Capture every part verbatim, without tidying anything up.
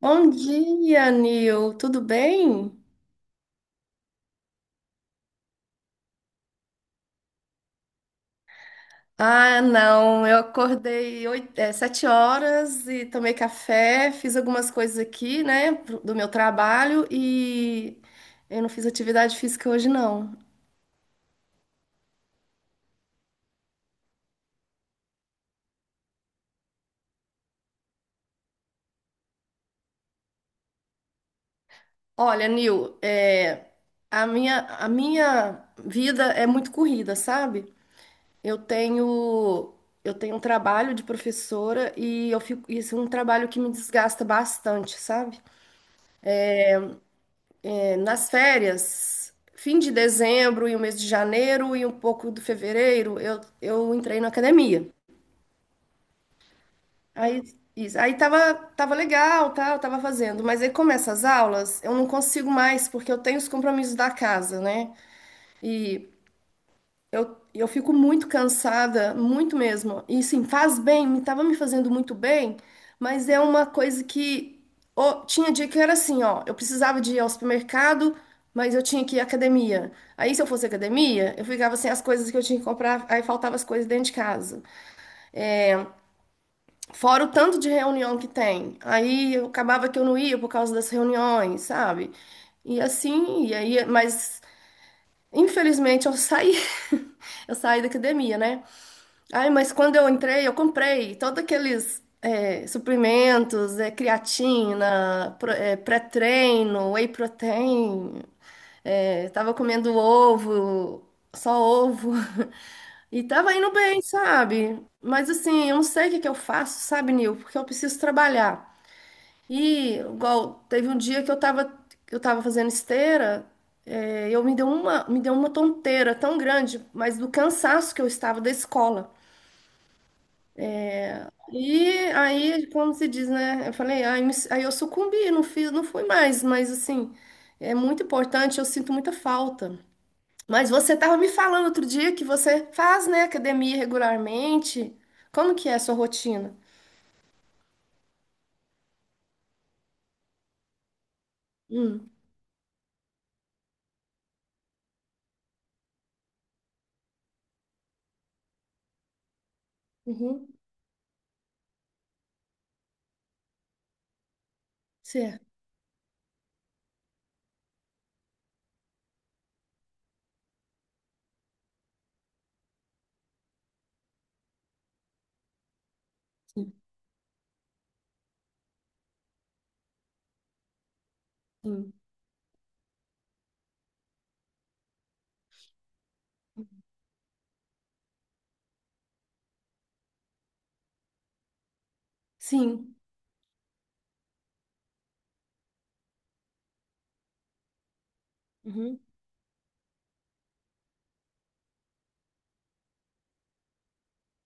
Bom dia, Nil. Tudo bem? Ah, não. Eu acordei oito, é, sete horas e tomei café, fiz algumas coisas aqui, né, pro- do meu trabalho e eu não fiz atividade física hoje, não. Olha, Nil, é, a minha, a minha vida é muito corrida, sabe? Eu tenho, eu tenho um trabalho de professora e eu fico, isso é um trabalho que me desgasta bastante, sabe? É, nas férias, fim de dezembro e o mês de janeiro e um pouco do fevereiro, eu, eu entrei na academia. Aí, isso, aí tava, tava legal, tá, eu tava fazendo. Mas aí começa as aulas, eu não consigo mais, porque eu tenho os compromissos da casa, né? E Eu, eu fico muito cansada, muito mesmo. E sim, faz bem, me tava me fazendo muito bem, mas é uma coisa que ô, tinha dia que era assim, ó, eu precisava de ir ao supermercado, mas eu tinha que ir à academia. Aí se eu fosse à academia, eu ficava sem as coisas que eu tinha que comprar, aí faltava as coisas dentro de casa. Fora o tanto de reunião que tem. Aí eu acabava que eu não ia por causa das reuniões, sabe? E assim, e aí, mas infelizmente eu saí, eu saí da academia, né? Ai, mas quando eu entrei, eu comprei todos aqueles é, suplementos, é, creatina, pro- é, pré-treino, whey protein. É, tava comendo ovo, só ovo. E tava indo bem, sabe? Mas assim, eu não sei o que que eu faço, sabe, Nil? Porque eu preciso trabalhar. E, igual, teve um dia que eu tava, eu tava fazendo esteira, é, eu me deu uma, me deu uma tonteira tão grande, mas do cansaço que eu estava da escola. E aí, como se diz, né? Eu falei, aí, me- aí eu sucumbi, não fiz, não fui mais, mas assim, é muito importante, eu sinto muita falta. Mas você estava me falando outro dia que você faz, né, academia regularmente. Como que é a sua rotina? Hum, uhum, certo. Sim, sim. Sim. Uhum.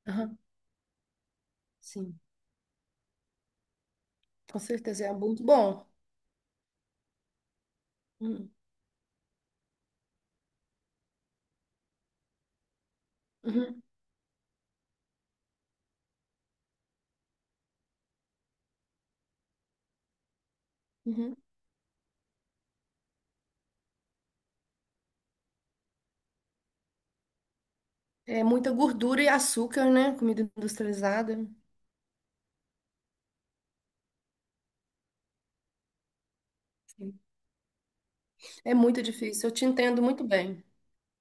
Aham, sim. Com certeza é muito bom. Uhum. Uhum. Uhum. É muita gordura e açúcar, né? Comida industrializada. Sim. É muito difícil. Eu te entendo muito bem.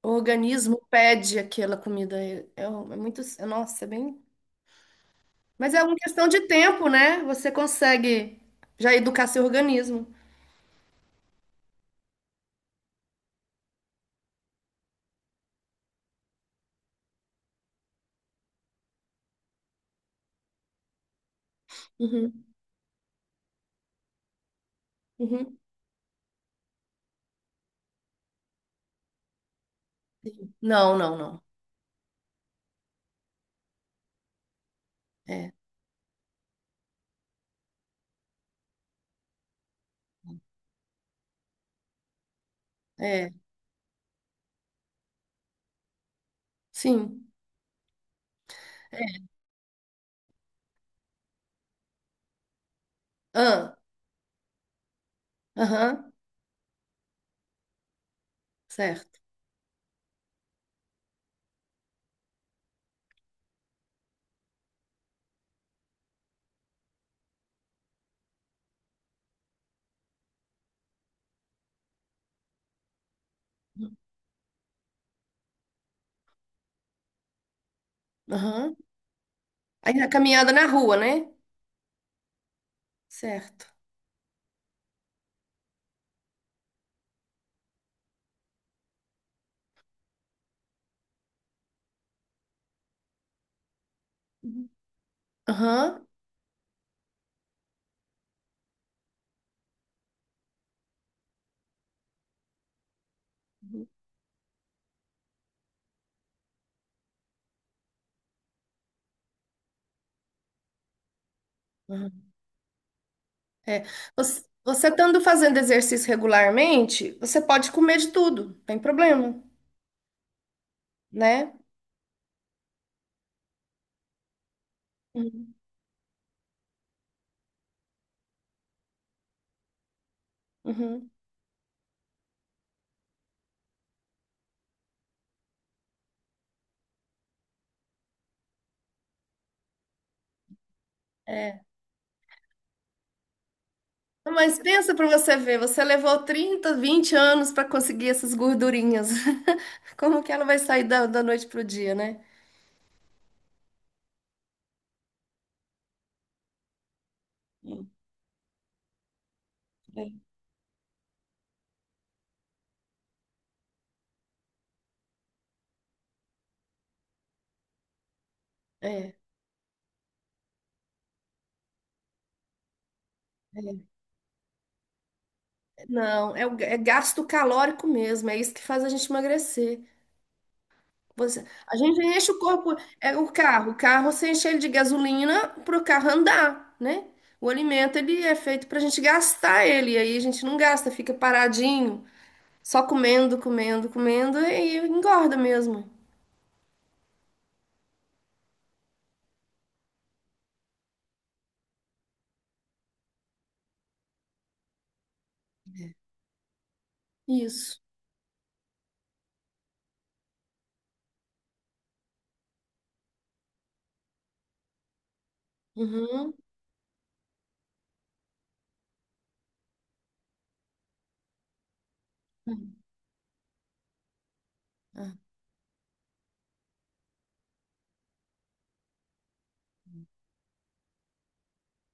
O organismo pede aquela comida. É, é um- é muito. é- Nossa, é bem. Mas é uma questão de tempo, né? Você consegue já educar seu organismo. Uhum, uhum. Não, não, não. É, é. Sim. Ah, aham, certo. Aham. Aí a caminhada na rua, né? Certo. Uhum. Aham. Aham. É. Você, você estando fazendo exercício regularmente, você pode comer de tudo, não tem problema, né? Uhum. Uhum. Mas pensa para você ver, você levou trinta, vinte anos para conseguir essas gordurinhas. Como que ela vai sair da, da noite pro dia, né? É, é, é. Não, é, o- é gasto calórico mesmo, é isso que faz a gente emagrecer. Você, a gente enche o corpo, é o carro, o carro você enche ele de gasolina para o carro andar, né? O alimento ele é feito para a gente gastar ele, e aí a gente não gasta, fica paradinho, só comendo, comendo, comendo e engorda mesmo. Isso. Uhum. Uhum.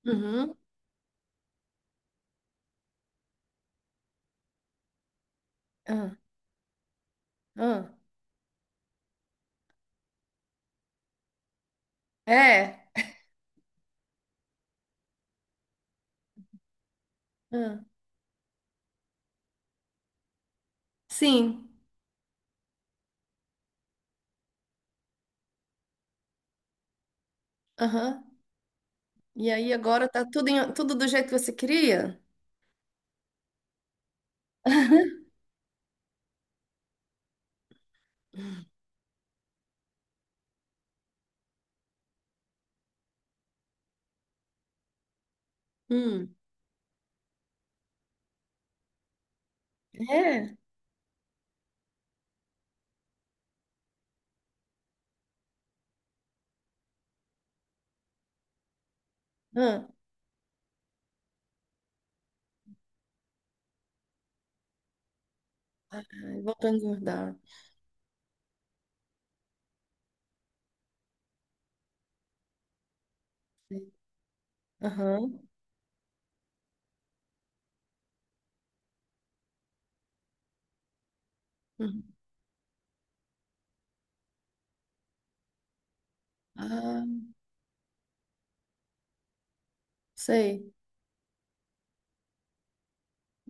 Uhum. Ah, ah. É. Ah. Sim. Aham. E aí agora tá tudo, em- tudo do jeito que você queria? Hum. É. Ah. Ai, voltou a engordar. Aham. Uhum. Ah, sei.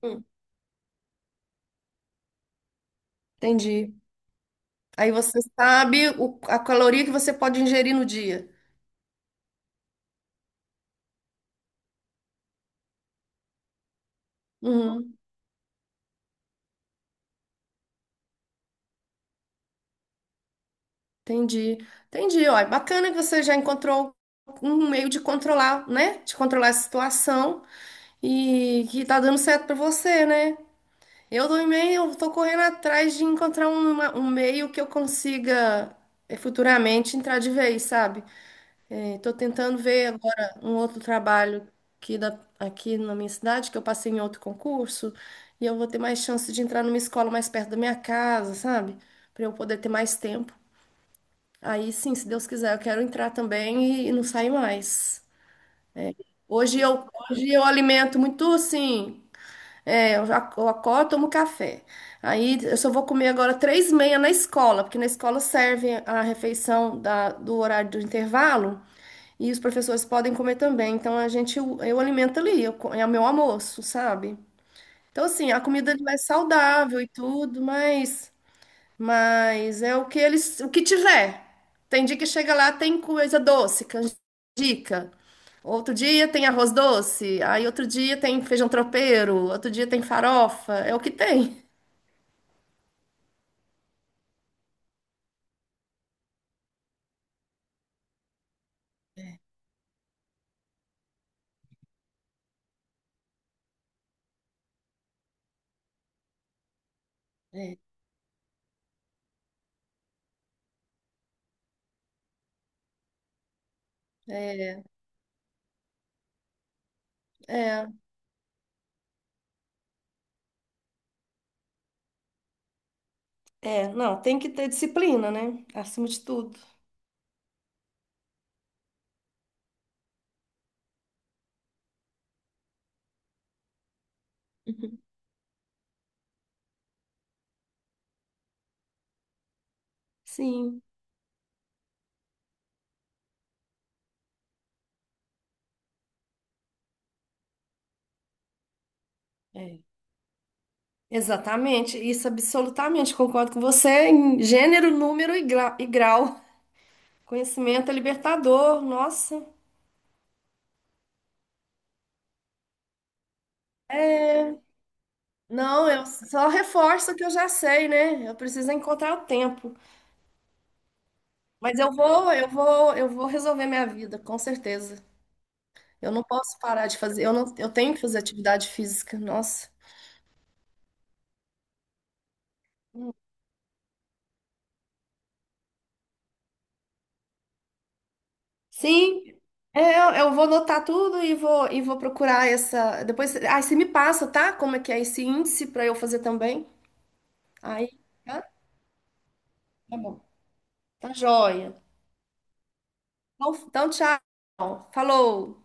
Hum. Entendi. Aí você sabe o- a caloria que você pode ingerir no dia. Uhum. Entendi. Entendi. Ó, é bacana que você já encontrou um meio de controlar, né? De controlar a situação. E que tá dando certo pra você, né? Eu do também, eu tô correndo atrás de encontrar um, uma- um meio que eu consiga eh, futuramente entrar de vez, sabe? Eh, tô tentando ver agora um outro trabalho aqui, da, aqui na minha cidade, que eu passei em outro concurso, e eu vou ter mais chance de entrar numa escola mais perto da minha casa, sabe? Pra eu poder ter mais tempo. Aí sim, se Deus quiser, eu quero entrar também e, e não sair mais. Hoje eu, hoje eu alimento muito, assim. É, eu, já- eu acordo, tomo café. Aí eu só vou comer agora três e meia na escola, porque na escola serve a refeição da- do horário do intervalo e os professores podem comer também. Então a gente, eu, eu alimento ali, eu co- é o meu almoço, sabe? Então assim, a comida ali vai saudável e tudo, mas mas é o que eles, o que tiver. Tem dia que chega lá, tem coisa doce, canjica. Outro dia tem arroz doce, aí outro dia tem feijão tropeiro, outro dia tem farofa, é o que tem. É. É, é, é, não, tem que ter disciplina, né? Acima de tudo. Uhum. Sim, é. Exatamente. Isso absolutamente concordo com você em gênero, número e gra- e grau. Conhecimento é libertador, nossa. Não, eu só reforço o que eu já sei, né? Eu preciso encontrar o tempo. Mas eu vou, eu vou, eu vou resolver minha vida, com certeza. Eu não posso parar de fazer. Eu não, eu tenho que fazer atividade física. Nossa. Sim, é, eu, eu vou anotar tudo e vou e vou procurar essa. Depois, aí você me passa, tá? Como é que é esse índice para eu fazer também? Aí, tá? Tá bom. Tá joia. Então, então, tchau. Falou.